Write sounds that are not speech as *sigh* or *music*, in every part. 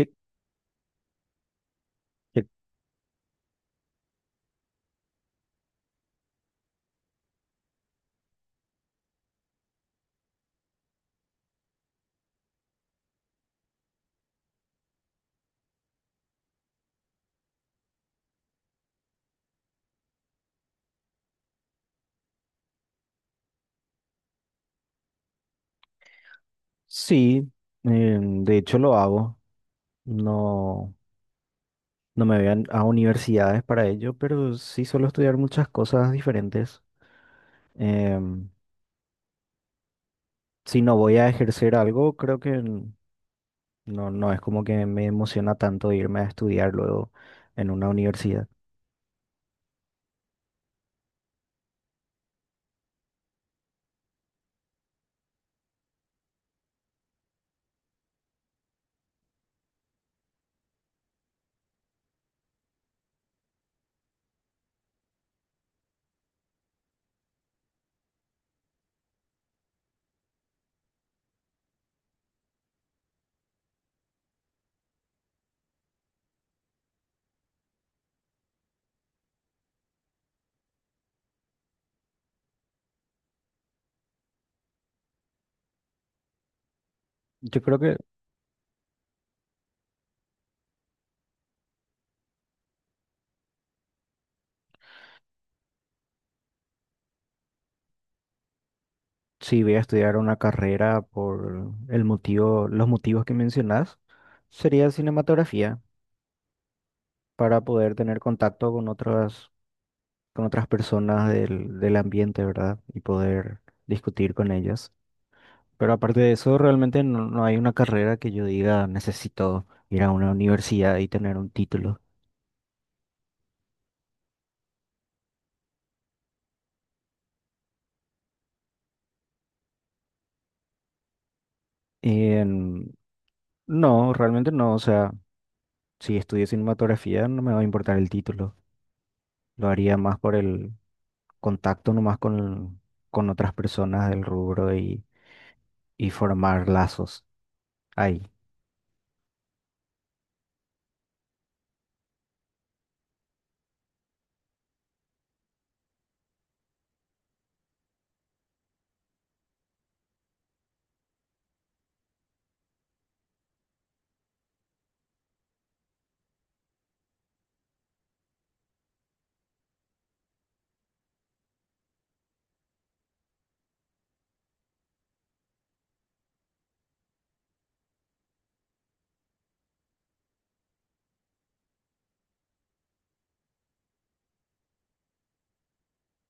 Tic, tic. Sí, de hecho lo hago. No, no me vean a universidades para ello, pero sí suelo estudiar muchas cosas diferentes. Em, si no voy a ejercer algo, creo que no, no es como que me emociona tanto irme a estudiar luego en una universidad. Yo creo que si voy a estudiar una carrera por el motivo, los motivos que mencionas, sería cinematografía para poder tener contacto con otras personas del ambiente, ¿verdad? Y poder discutir con ellas. Pero aparte de eso, realmente no, no hay una carrera que yo diga necesito ir a una universidad y tener un título. En- no, realmente no. O sea, si estudio cinematografía no me va a importar el título. Lo haría más por el contacto nomás con otras personas del rubro y formar lazos ahí.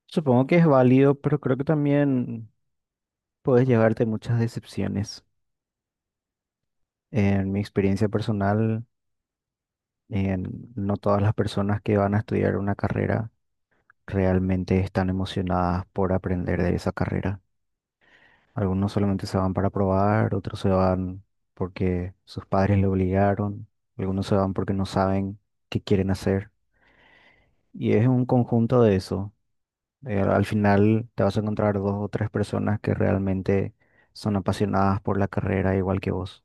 Supongo que es válido, pero creo que también puedes llevarte muchas decepciones. En mi experiencia personal, no todas las personas que van a estudiar una carrera realmente están emocionadas por aprender de esa carrera. Algunos solamente se van para probar, otros se van porque sus padres le obligaron, algunos se van porque no saben qué quieren hacer. Y es un conjunto de eso. Al final te vas a encontrar dos o tres personas que realmente son apasionadas por la carrera igual que vos.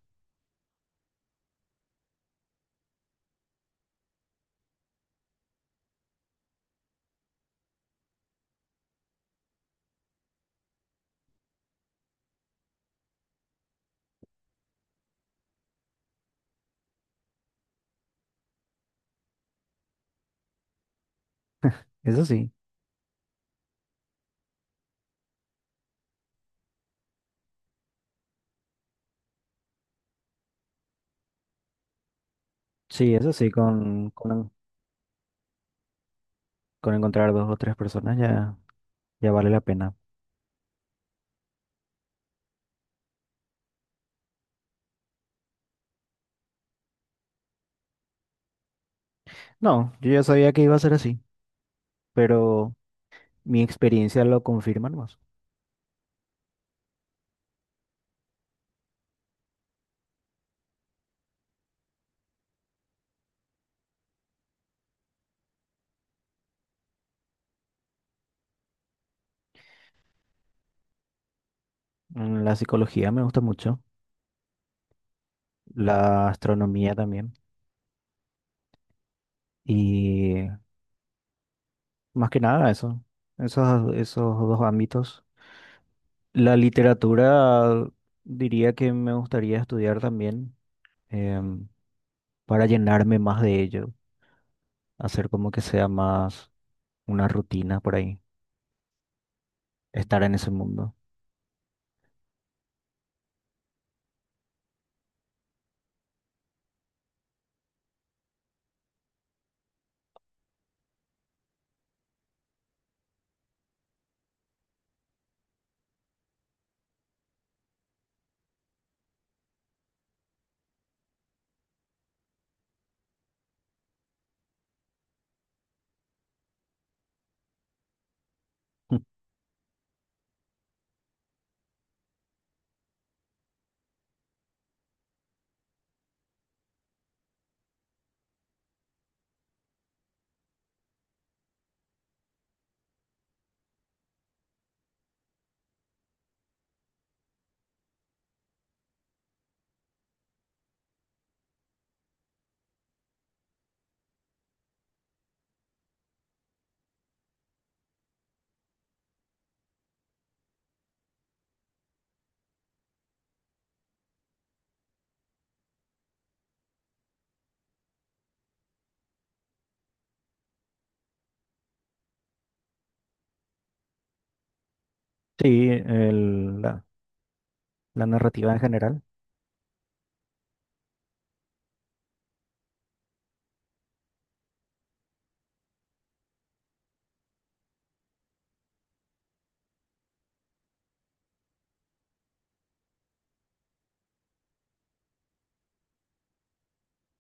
Eso sí, sí, eso sí, con Con encontrar dos o tres personas ya, ya vale la pena. No, yo ya sabía que iba a ser así, pero mi experiencia lo confirma más. La psicología me gusta mucho, la astronomía también, y más que nada eso, esos dos ámbitos. La literatura diría que me gustaría estudiar también em, para llenarme más de ello, hacer como que sea más una rutina por ahí, estar en ese mundo. *laughs* Sí, la narrativa en general,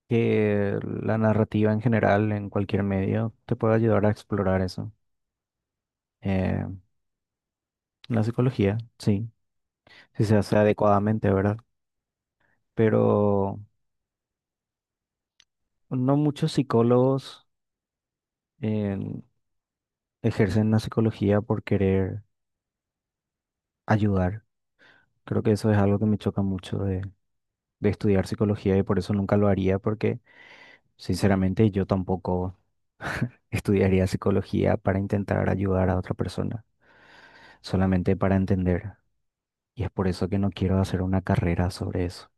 que la narrativa en general en cualquier medio te puede ayudar a explorar eso. Eh, la psicología, sí, si se hace adecuadamente, ¿verdad? Pero no muchos psicólogos em, ejercen la psicología por querer ayudar. Creo que eso es algo que me choca mucho de estudiar psicología y por eso nunca lo haría, porque sinceramente yo tampoco *laughs* estudiaría psicología para intentar ayudar a otra persona, solamente para entender. Y es por eso que no quiero hacer una carrera sobre eso.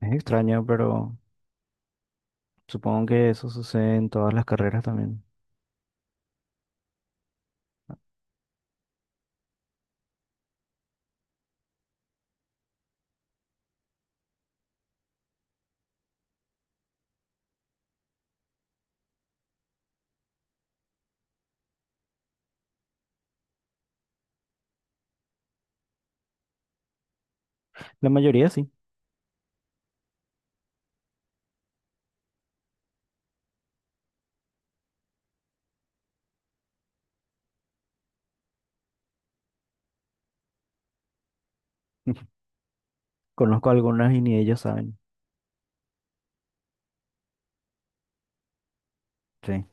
Es extraño, pero supongo que eso sucede en todas las carreras también. La mayoría sí. *laughs* Conozco algunas y ni ellos saben. Sí.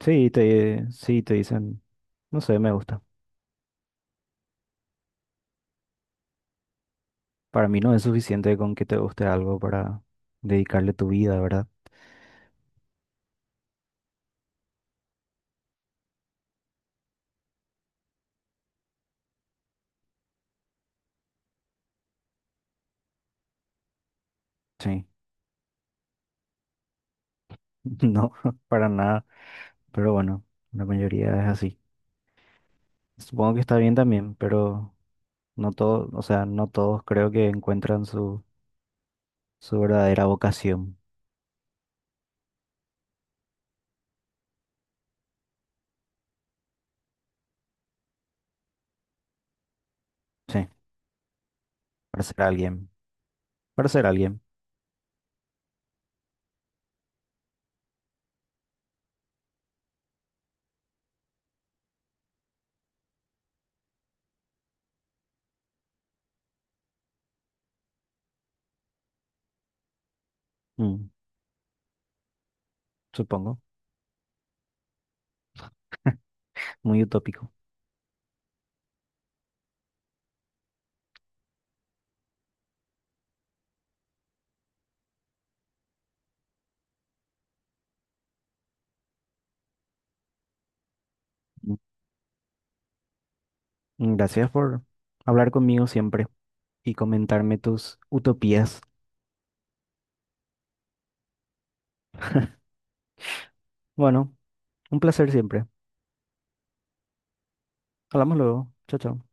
Sí, sí, te dicen, no sé, me gusta. Para mí no es suficiente con que te guste algo para dedicarle tu vida, ¿verdad? Sí. *laughs* No, *laughs* para nada. Pero bueno, la mayoría es así. Supongo que está bien también, pero no todos, o sea, no todos creo que encuentran su, su verdadera vocación. Sí. Para ser alguien. Para ser alguien. Mm, supongo. Muy utópico. Mm, mm, gracias por hablar conmigo siempre y comentarme tus utopías. Bueno, un placer siempre. Hablamos luego. Chao, chao.